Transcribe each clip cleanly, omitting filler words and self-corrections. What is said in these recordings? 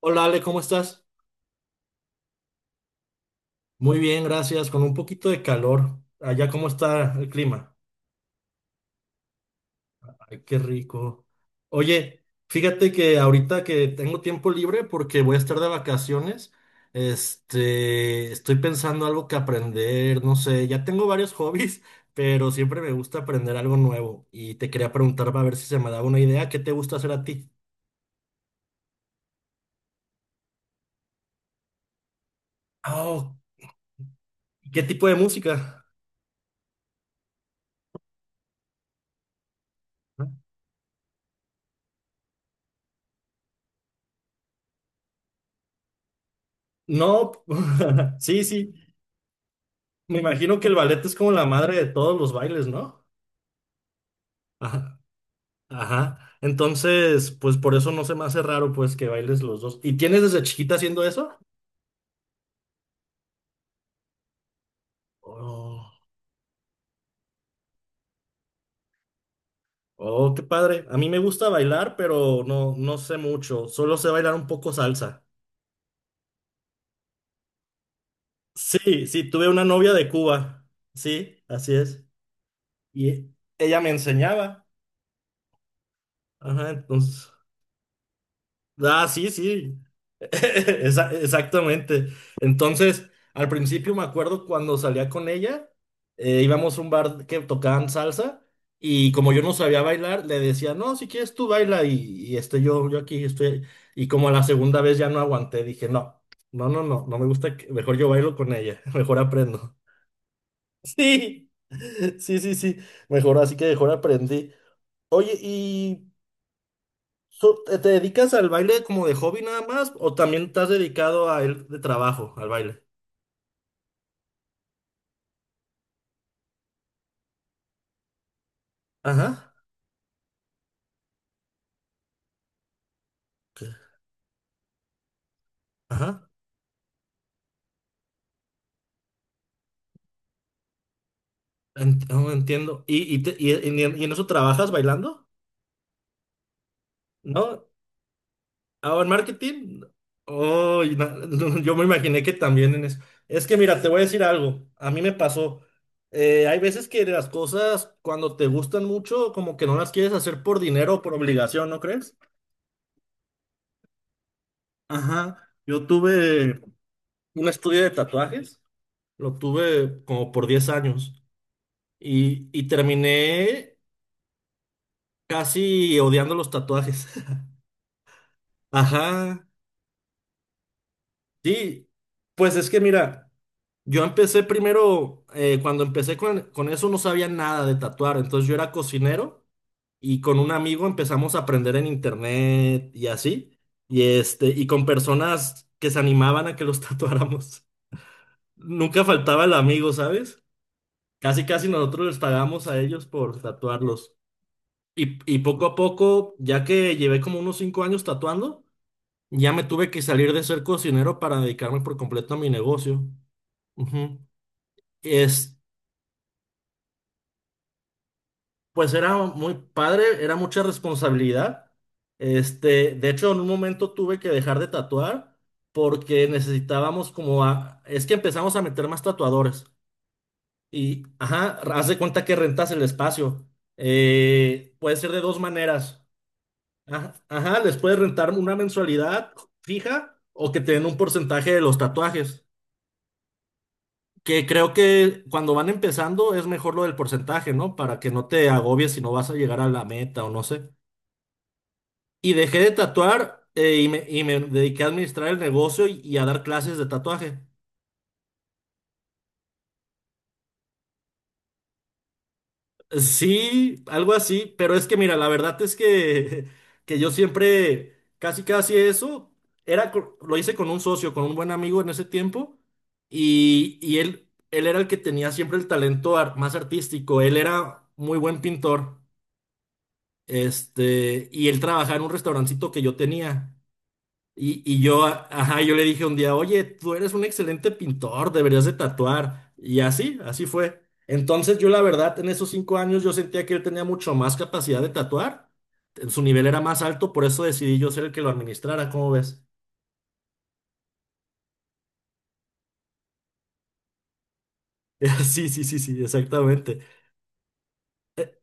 Hola Ale, ¿cómo estás? Muy bien, gracias. Con un poquito de calor. Allá, ¿cómo está el clima? Ay, qué rico. Oye, fíjate que ahorita que tengo tiempo libre porque voy a estar de vacaciones, estoy pensando algo que aprender, no sé, ya tengo varios hobbies, pero siempre me gusta aprender algo nuevo y te quería preguntar para ver si se me daba una idea, ¿qué te gusta hacer a ti? Oh, ¿qué tipo de música? No, sí, sí. Me imagino que el ballet es como la madre de todos los bailes, ¿no? Ajá, ajá. Entonces, pues por eso no se me hace raro, pues, que bailes los dos. ¿Y tienes desde chiquita haciendo eso? Oh, oh, qué padre. A mí me gusta bailar, pero no, no sé mucho. Solo sé bailar un poco salsa. Sí, sí, tuve una novia de Cuba. Sí, así es. Y ella me enseñaba. Ajá, entonces. Ah, sí, sí. Exactamente. Entonces, al principio me acuerdo cuando salía con ella, íbamos a un bar que tocaban salsa y como yo no sabía bailar, le decía, no, si quieres tú baila y yo aquí estoy. Y como a la segunda vez ya no aguanté, dije, no, no, no, no, no me gusta, mejor yo bailo con ella, mejor aprendo. Sí, sí, sí, sí, mejor así que mejor aprendí. Oye, So, ¿te dedicas al baile como de hobby nada más? ¿O también estás dedicado a él de trabajo, al baile? Ajá. Ok, ajá. Oh, entiendo. ¿Y en eso trabajas bailando? ¿No? ¿Ah, en marketing? Oh, yo me imaginé que también en eso. Es que mira, te voy a decir algo. A mí me pasó. Hay veces que las cosas, cuando te gustan mucho, como que no las quieres hacer por dinero o por obligación, ¿no crees? Ajá. Yo tuve un estudio de tatuajes. Lo tuve como por 10 años y terminé casi odiando los tatuajes. Ajá. Sí, pues es que mira, yo empecé primero, cuando empecé con eso no sabía nada de tatuar, entonces yo era cocinero y con un amigo empezamos a aprender en internet y así, y con personas que se animaban a que los tatuáramos. Nunca faltaba el amigo, ¿sabes? Casi casi nosotros les pagamos a ellos por tatuarlos. Y poco a poco, ya que llevé como unos 5 años tatuando, ya me tuve que salir de ser cocinero para dedicarme por completo a mi negocio. Ujú. Es, pues era muy padre, era mucha responsabilidad. De hecho, en un momento tuve que dejar de tatuar porque necesitábamos es que empezamos a meter más tatuadores. Ajá, haz de cuenta que rentas el espacio. Puede ser de dos maneras. Ajá, ajá, les puedes rentar una mensualidad fija o que te den un porcentaje de los tatuajes. Que creo que cuando van empezando es mejor lo del porcentaje, ¿no? Para que no te agobies si no vas a llegar a la meta o no sé. Y dejé de tatuar y me dediqué a administrar el negocio y a dar clases de tatuaje. Sí, algo así, pero es que mira, la verdad es que, que yo siempre, casi casi eso, lo hice con un socio, con un buen amigo en ese tiempo, y él era el que tenía siempre el talento más artístico, él era muy buen pintor, y él trabajaba en un restaurancito que yo tenía. Y yo, ajá, yo le dije un día, oye, tú eres un excelente pintor, deberías de tatuar. Y así, así fue. Entonces yo la verdad, en esos 5 años yo sentía que él tenía mucho más capacidad de tatuar. Su nivel era más alto, por eso decidí yo ser el que lo administrara, ¿cómo ves? Sí, sí, sí, sí, exactamente.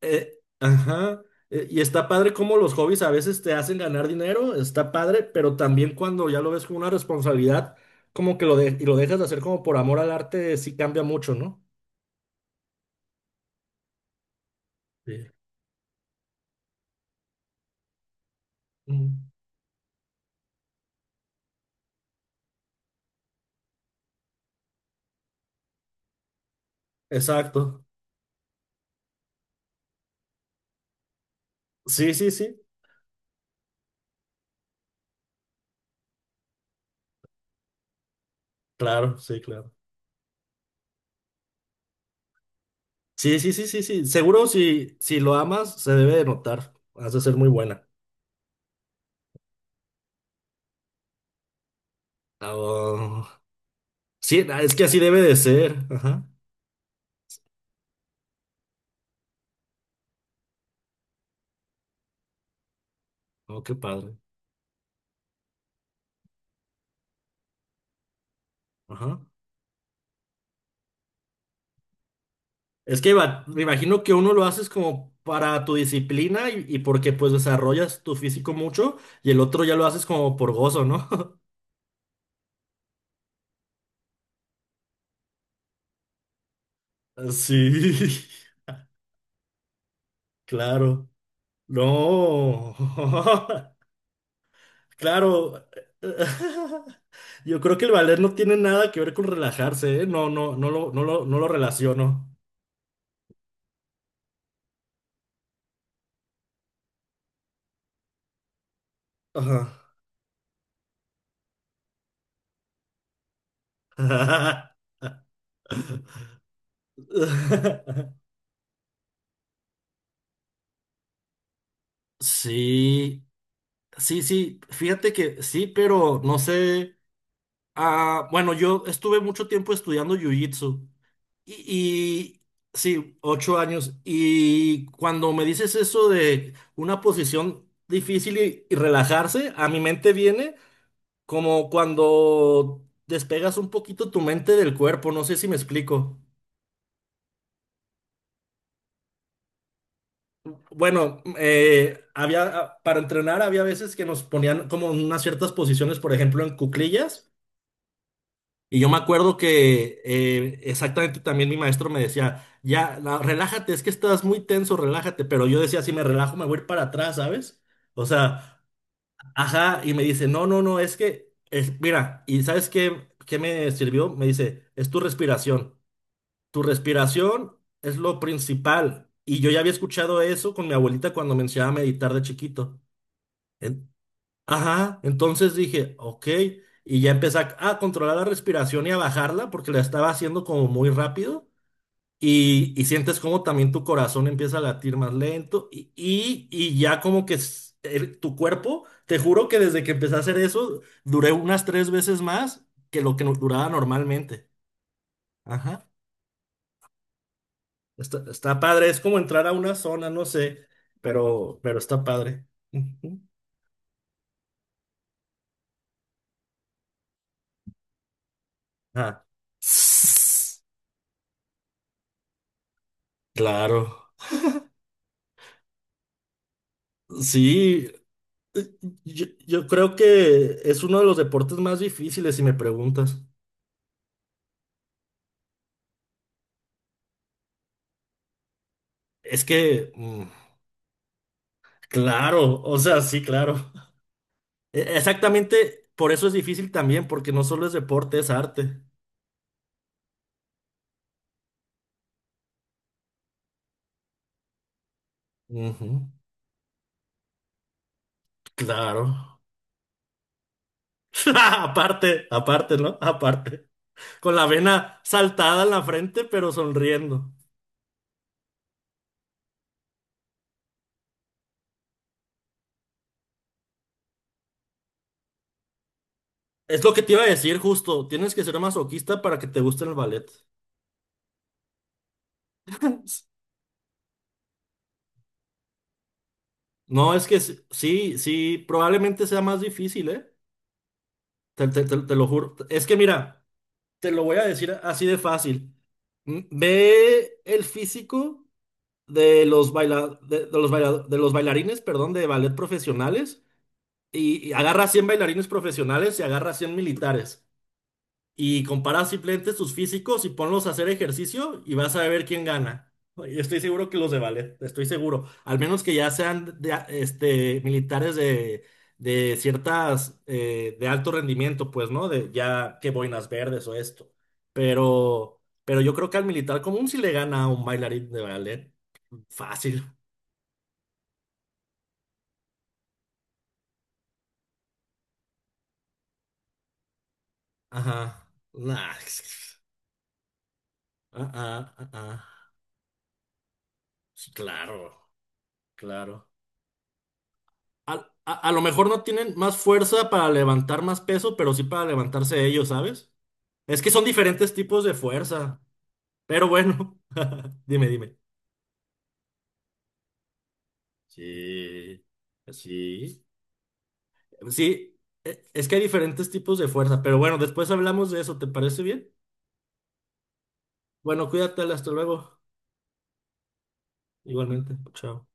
Ajá. Y está padre cómo los hobbies a veces te hacen ganar dinero, está padre, pero también cuando ya lo ves como una responsabilidad, como que lo, y lo dejas de hacer como por amor al arte, sí cambia mucho, ¿no? Mm. Exacto. Sí, sí, sí. Claro, sí, claro. Sí, sí, sí, sí, sí. Seguro si, lo amas, se debe de notar. Has de ser muy buena. Ah, sí, ah, es que así debe de ser. Ajá. Oh, qué padre. Ajá. Es que me imagino que uno lo haces como para tu disciplina y porque pues desarrollas tu físico mucho y el otro ya lo haces como por gozo, ¿no? Sí, claro. No. Claro, yo creo que el valer no tiene nada que ver con relajarse, ¿eh? No, no, no lo relaciono. Ajá. Sí, sí, sí, fíjate que sí, pero no sé. Ah, bueno, yo estuve mucho tiempo estudiando jiu-jitsu y sí, 8 años. Y cuando me dices eso de una posición difícil y relajarse, a mi mente viene. Como cuando despegas un poquito tu mente del cuerpo, no sé si me explico. Bueno, para entrenar había veces que nos ponían como en unas ciertas posiciones, por ejemplo, en cuclillas. Y yo me acuerdo que exactamente también mi maestro me decía, ya, relájate, es que estás muy tenso, relájate. Pero yo decía, si me relajo, me voy a ir para atrás, ¿sabes? O sea, ajá, y me dice, no, no, no, es que, mira, ¿y sabes qué me sirvió? Me dice, es tu respiración. Tu respiración es lo principal. Y yo ya había escuchado eso con mi abuelita cuando me enseñaba a meditar de chiquito. En- ajá, entonces dije, ok. Y ya empecé a controlar la respiración y a bajarla porque la estaba haciendo como muy rápido. Y sientes como también tu corazón empieza a latir más lento. Y ya como que tu cuerpo, te juro que desde que empecé a hacer eso, duré unas 3 veces más que lo que duraba normalmente. Ajá. Está padre, es como entrar a una zona, no sé, pero está padre. Ujú. Ah. Sss, Claro, sí, eh, yo creo que es uno de los deportes más difíciles, si me preguntas. Es que, claro, o sea, sí, claro. Exactamente, por eso es difícil también, porque no solo es deporte, es arte. Ujú, claro. Aparte, aparte, ¿no? Aparte. Con la vena saltada en la frente, pero sonriendo. Es lo que te iba a decir justo, tienes que ser masoquista para que te guste el ballet. No, es que sí, sí, sí, probablemente sea más difícil, ¿eh? Te lo juro. Es que mira, te lo voy a decir así de fácil. Ve el físico de los bailarines, perdón, de ballet profesionales y agarra 100 bailarines profesionales y agarra 100 militares. Y compara simplemente sus físicos y ponlos a hacer ejercicio y vas a ver quién gana. Y estoy seguro que los de ballet, estoy seguro. Al menos que ya sean militares de ciertas, de alto rendimiento, pues, ¿no? De ya que boinas verdes o esto. Pero yo creo que al militar común sí le gana a un bailarín de ballet. Fácil. Ajá. Nah. Ah, ah, ah, ah. Sí, claro, claro. A, a lo mejor no tienen más fuerza para levantar más peso, pero sí para levantarse ellos, ¿sabes? Es que son diferentes tipos de fuerza. Pero bueno, dime, dime. Sí, sí. Sí, es que hay diferentes tipos de fuerza. Pero bueno, después hablamos de eso, ¿te parece bien? Bueno, cuídate, hasta luego. Igualmente, chao.